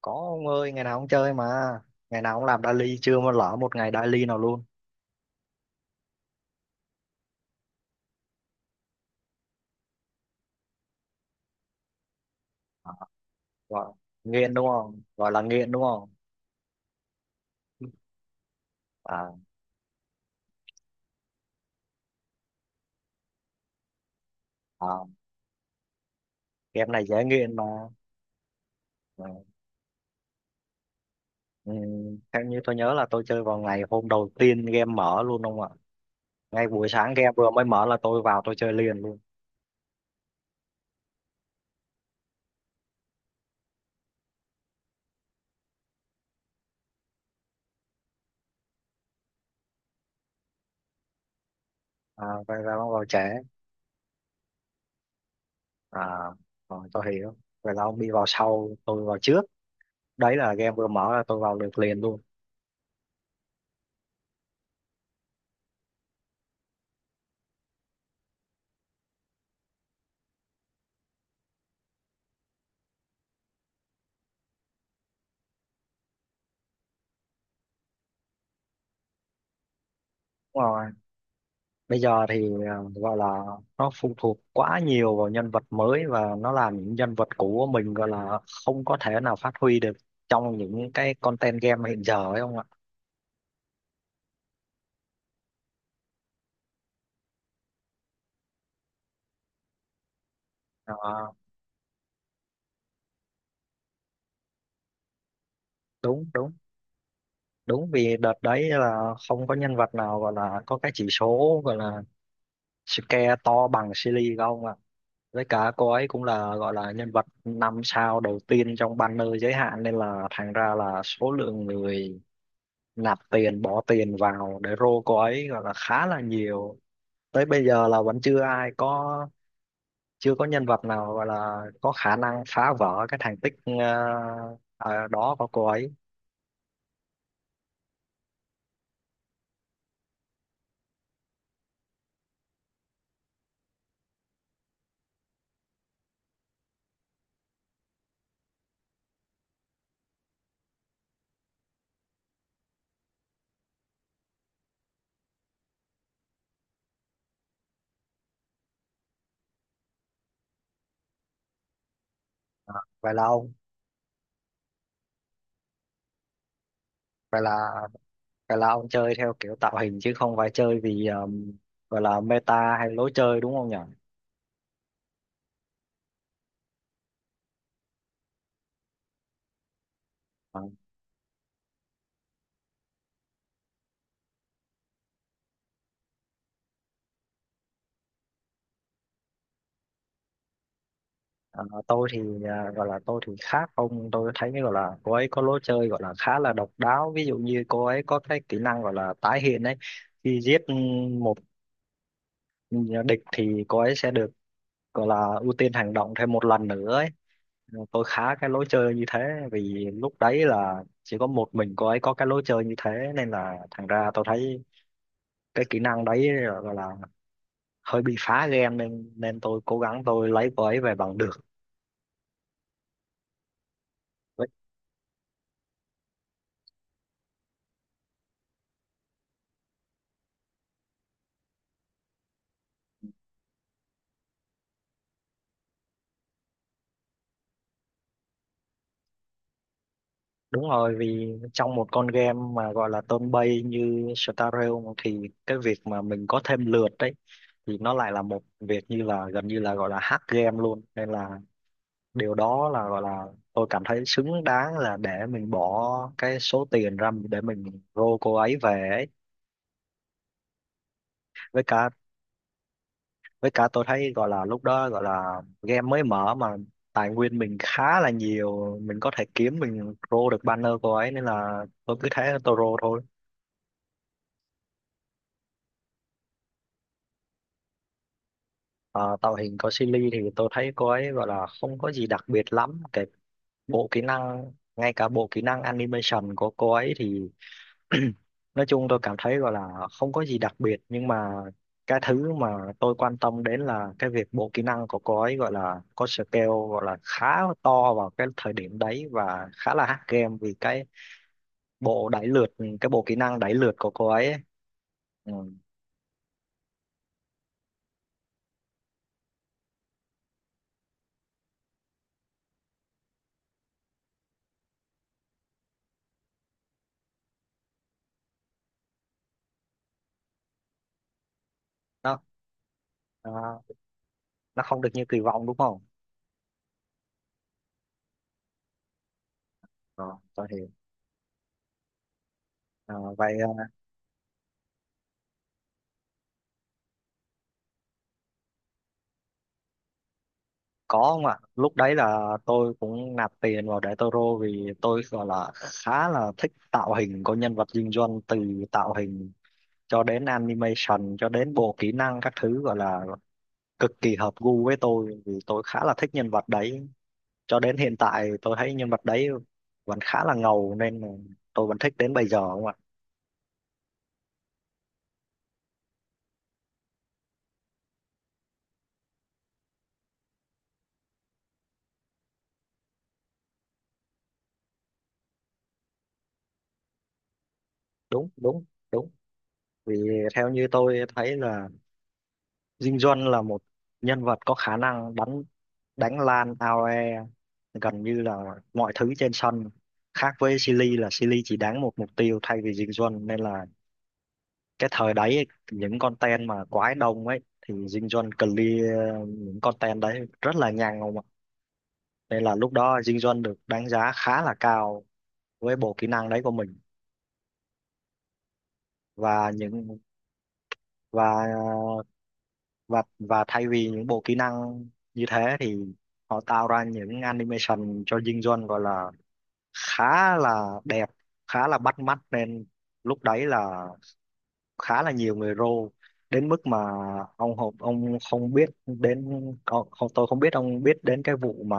Có ông ơi, ngày nào ông chơi mà, ngày nào ông làm daily chưa mà lỡ một ngày daily nào luôn. À, gọi gọi là nghiện đúng không? À, à game này dễ nghiện mà. Ừ. Ừ, theo như tôi nhớ là tôi chơi vào ngày hôm đầu tiên game mở luôn đúng không ạ? Ngay buổi sáng game vừa mới mở là tôi vào tôi chơi liền luôn. À, vậy là ông vào trễ. À, rồi tôi hiểu. Vậy là ông đi vào sau, tôi vào trước. Đấy là game vừa mở là tôi vào được liền luôn. Đúng không? Bây giờ thì gọi là nó phụ thuộc quá nhiều vào nhân vật mới, và nó làm những nhân vật cũ của mình gọi là không có thể nào phát huy được trong những cái content game hiện giờ ấy không ạ? Ờ, đúng đúng đúng. Vì đợt đấy là không có nhân vật nào gọi là có cái chỉ số gọi là scale to bằng Silly không ạ. Với cả cô ấy cũng là gọi là nhân vật 5 sao đầu tiên trong banner giới hạn nên là thành ra là số lượng người nạp tiền bỏ tiền vào để rô cô ấy gọi là khá là nhiều. Tới bây giờ là vẫn chưa ai có, chưa có nhân vật nào gọi là có khả năng phá vỡ cái thành tích ờ, đó của cô ấy. Ờ, vậy là ông vậy là vậy là ông chơi theo kiểu tạo hình chứ không phải chơi vì gọi là meta hay lối chơi đúng không nhỉ? À. Ờ, tôi thì gọi là tôi thì khác ông, tôi thấy gọi là cô ấy có lối chơi gọi là khá là độc đáo. Ví dụ như cô ấy có cái kỹ năng gọi là tái hiện ấy, khi giết một địch thì cô ấy sẽ được gọi là ưu tiên hành động thêm một lần nữa ấy. Ờ, tôi khá cái lối chơi như thế, vì lúc đấy là chỉ có một mình cô ấy có cái lối chơi như thế nên là thành ra tôi thấy cái kỹ năng đấy gọi là hơi bị phá game nên nên tôi cố gắng tôi lấy cô ấy về bằng được. Đúng rồi, vì trong một con game mà gọi là turn based như Star Realm thì cái việc mà mình có thêm lượt đấy thì nó lại là một việc như là gần như là gọi là hack game luôn. Nên là điều đó là gọi là tôi cảm thấy xứng đáng là để mình bỏ cái số tiền ra để mình rô cô ấy về ấy. Với cả với cả tôi thấy gọi là lúc đó gọi là game mới mở mà tài nguyên mình khá là nhiều, mình có thể kiếm mình rô được banner cô ấy nên là tôi cứ thế tôi rô thôi. Ờ, tạo hình có Silly thì tôi thấy cô ấy gọi là không có gì đặc biệt lắm. Cái bộ kỹ năng, ngay cả bộ kỹ năng animation của cô ấy thì nói chung tôi cảm thấy gọi là không có gì đặc biệt, nhưng mà cái thứ mà tôi quan tâm đến là cái việc bộ kỹ năng của cô ấy gọi là có scale gọi là khá to vào cái thời điểm đấy và khá là hack game vì cái bộ đẩy lượt, cái bộ kỹ năng đẩy lượt của cô ấy, ấy. Ừ. Đó, à, nó không được như kỳ vọng đúng không? Rồi, tôi hiểu. À, Có không ạ? Lúc đấy là tôi cũng nạp tiền vào để Toro vì tôi gọi là khá là thích tạo hình của nhân vật Dinh Duân, từ tạo hình cho đến animation cho đến bộ kỹ năng các thứ gọi là cực kỳ hợp gu với tôi vì tôi khá là thích nhân vật đấy. Cho đến hiện tại tôi thấy nhân vật đấy vẫn khá là ngầu nên là tôi vẫn thích đến bây giờ không ạ? Đúng, đúng, đúng. Vì theo như tôi thấy là Dinh Duân là một nhân vật có khả năng đánh đánh lan AoE gần như là mọi thứ trên sân. Khác với Silly là Silly chỉ đánh một mục tiêu thay vì Dinh Duân nên là cái thời đấy ấy, những con ten mà quái đông ấy thì Dinh Duân clear những con ten đấy rất là nhanh không ạ? Nên là lúc đó Dinh Duân được đánh giá khá là cao với bộ kỹ năng đấy của mình và những và và thay vì những bộ kỹ năng như thế thì họ tạo ra những animation cho dinh Duân gọi là khá là đẹp, khá là bắt mắt nên lúc đấy là khá là nhiều người rô, đến mức mà ông Hộp ông không biết đến ông, không- tôi không biết ông biết đến cái vụ mà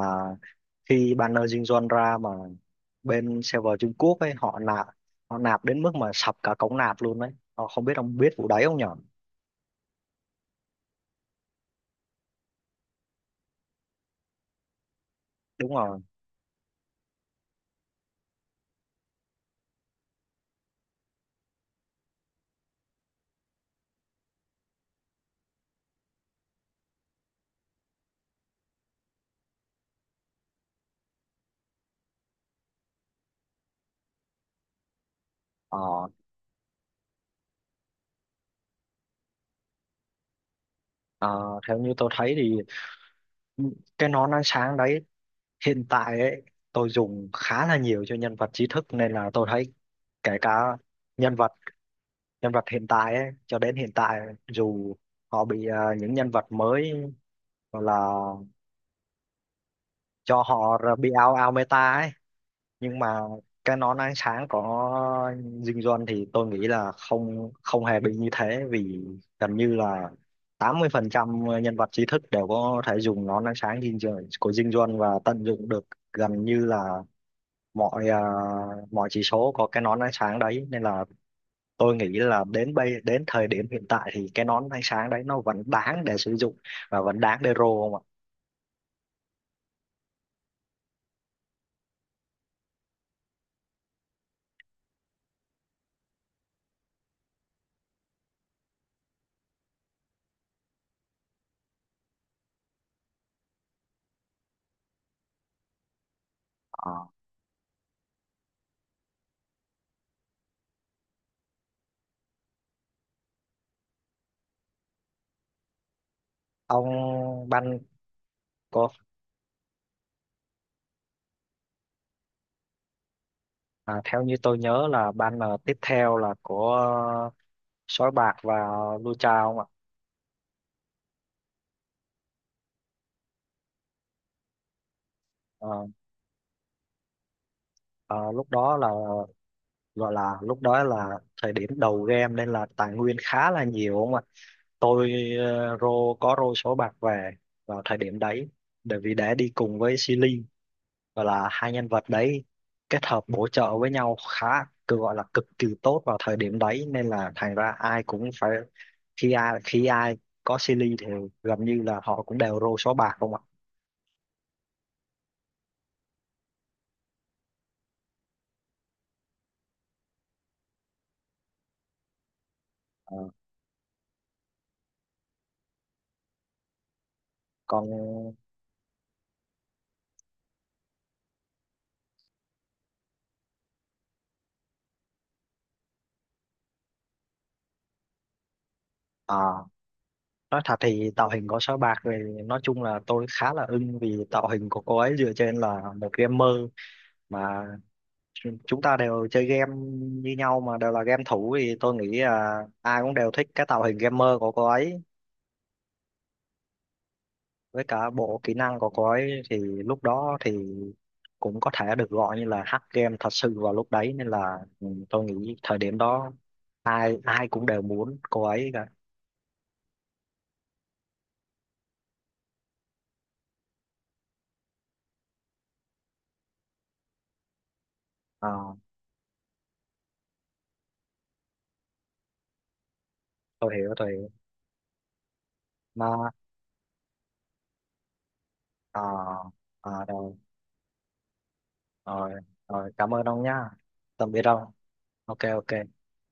khi banner dinh Duân ra mà bên server Trung Quốc ấy họ nạp đến mức mà sập cả cổng nạp luôn đấy. Ờ, Không biết ông biết vụ đấy không nhở? Đúng rồi. Ờ, Ờ, Theo như tôi thấy thì cái nón ánh sáng đấy hiện tại ấy tôi dùng khá là nhiều cho nhân vật trí thức nên là tôi thấy kể cả nhân vật nhân vật hiện tại ấy, cho đến hiện tại dù họ bị những nhân vật mới gọi là cho họ bị ao ao meta ấy, nhưng mà cái nón ánh sáng có dinh Duân thì tôi nghĩ là không không hề bị như thế, vì gần như là 80% nhân vật trí thức đều có thể dùng nón ánh sáng của dinh Duân và tận dụng được gần như là mọi mọi chỉ số có cái nón ánh sáng đấy nên là tôi nghĩ là đến thời điểm hiện tại thì cái nón ánh sáng đấy nó vẫn đáng để sử dụng và vẫn đáng để roll không ạ? Ờ. Ông Ban có À, theo như tôi nhớ là banner tiếp theo là của Sói Bạc và Lui Chao không ạ? Ờ, ờ, lúc đó là gọi là lúc đó là thời điểm đầu game nên là tài nguyên khá là nhiều không ạ. Tôi rô số bạc về vào thời điểm đấy bởi vì đã đi cùng với Silly và là hai nhân vật đấy kết hợp bổ trợ với nhau khá, cứ gọi là cực kỳ tốt vào thời điểm đấy nên là thành ra ai cũng phải khi ai có Silly thì gần như là họ cũng đều rô số bạc không ạ. Ờ, Còn à, nói thật thì tạo hình của sao bạc thì nói chung là tôi khá là ưng vì tạo hình của cô ấy dựa trên là một gamer mà chúng ta đều chơi game như nhau mà đều là game thủ thì tôi nghĩ là ai cũng đều thích cái tạo hình gamer của cô ấy. Với cả bộ kỹ năng của cô ấy thì lúc đó thì cũng có thể được gọi như là hack game thật sự vào lúc đấy nên là tôi nghĩ thời điểm đó ai ai cũng đều muốn cô ấy cả. Ờ, tôi hiểu tôi hiểu. Mà ờ, ờ, rồi rồi, cảm ơn ông nhá, tạm biệt ông. Ok ok.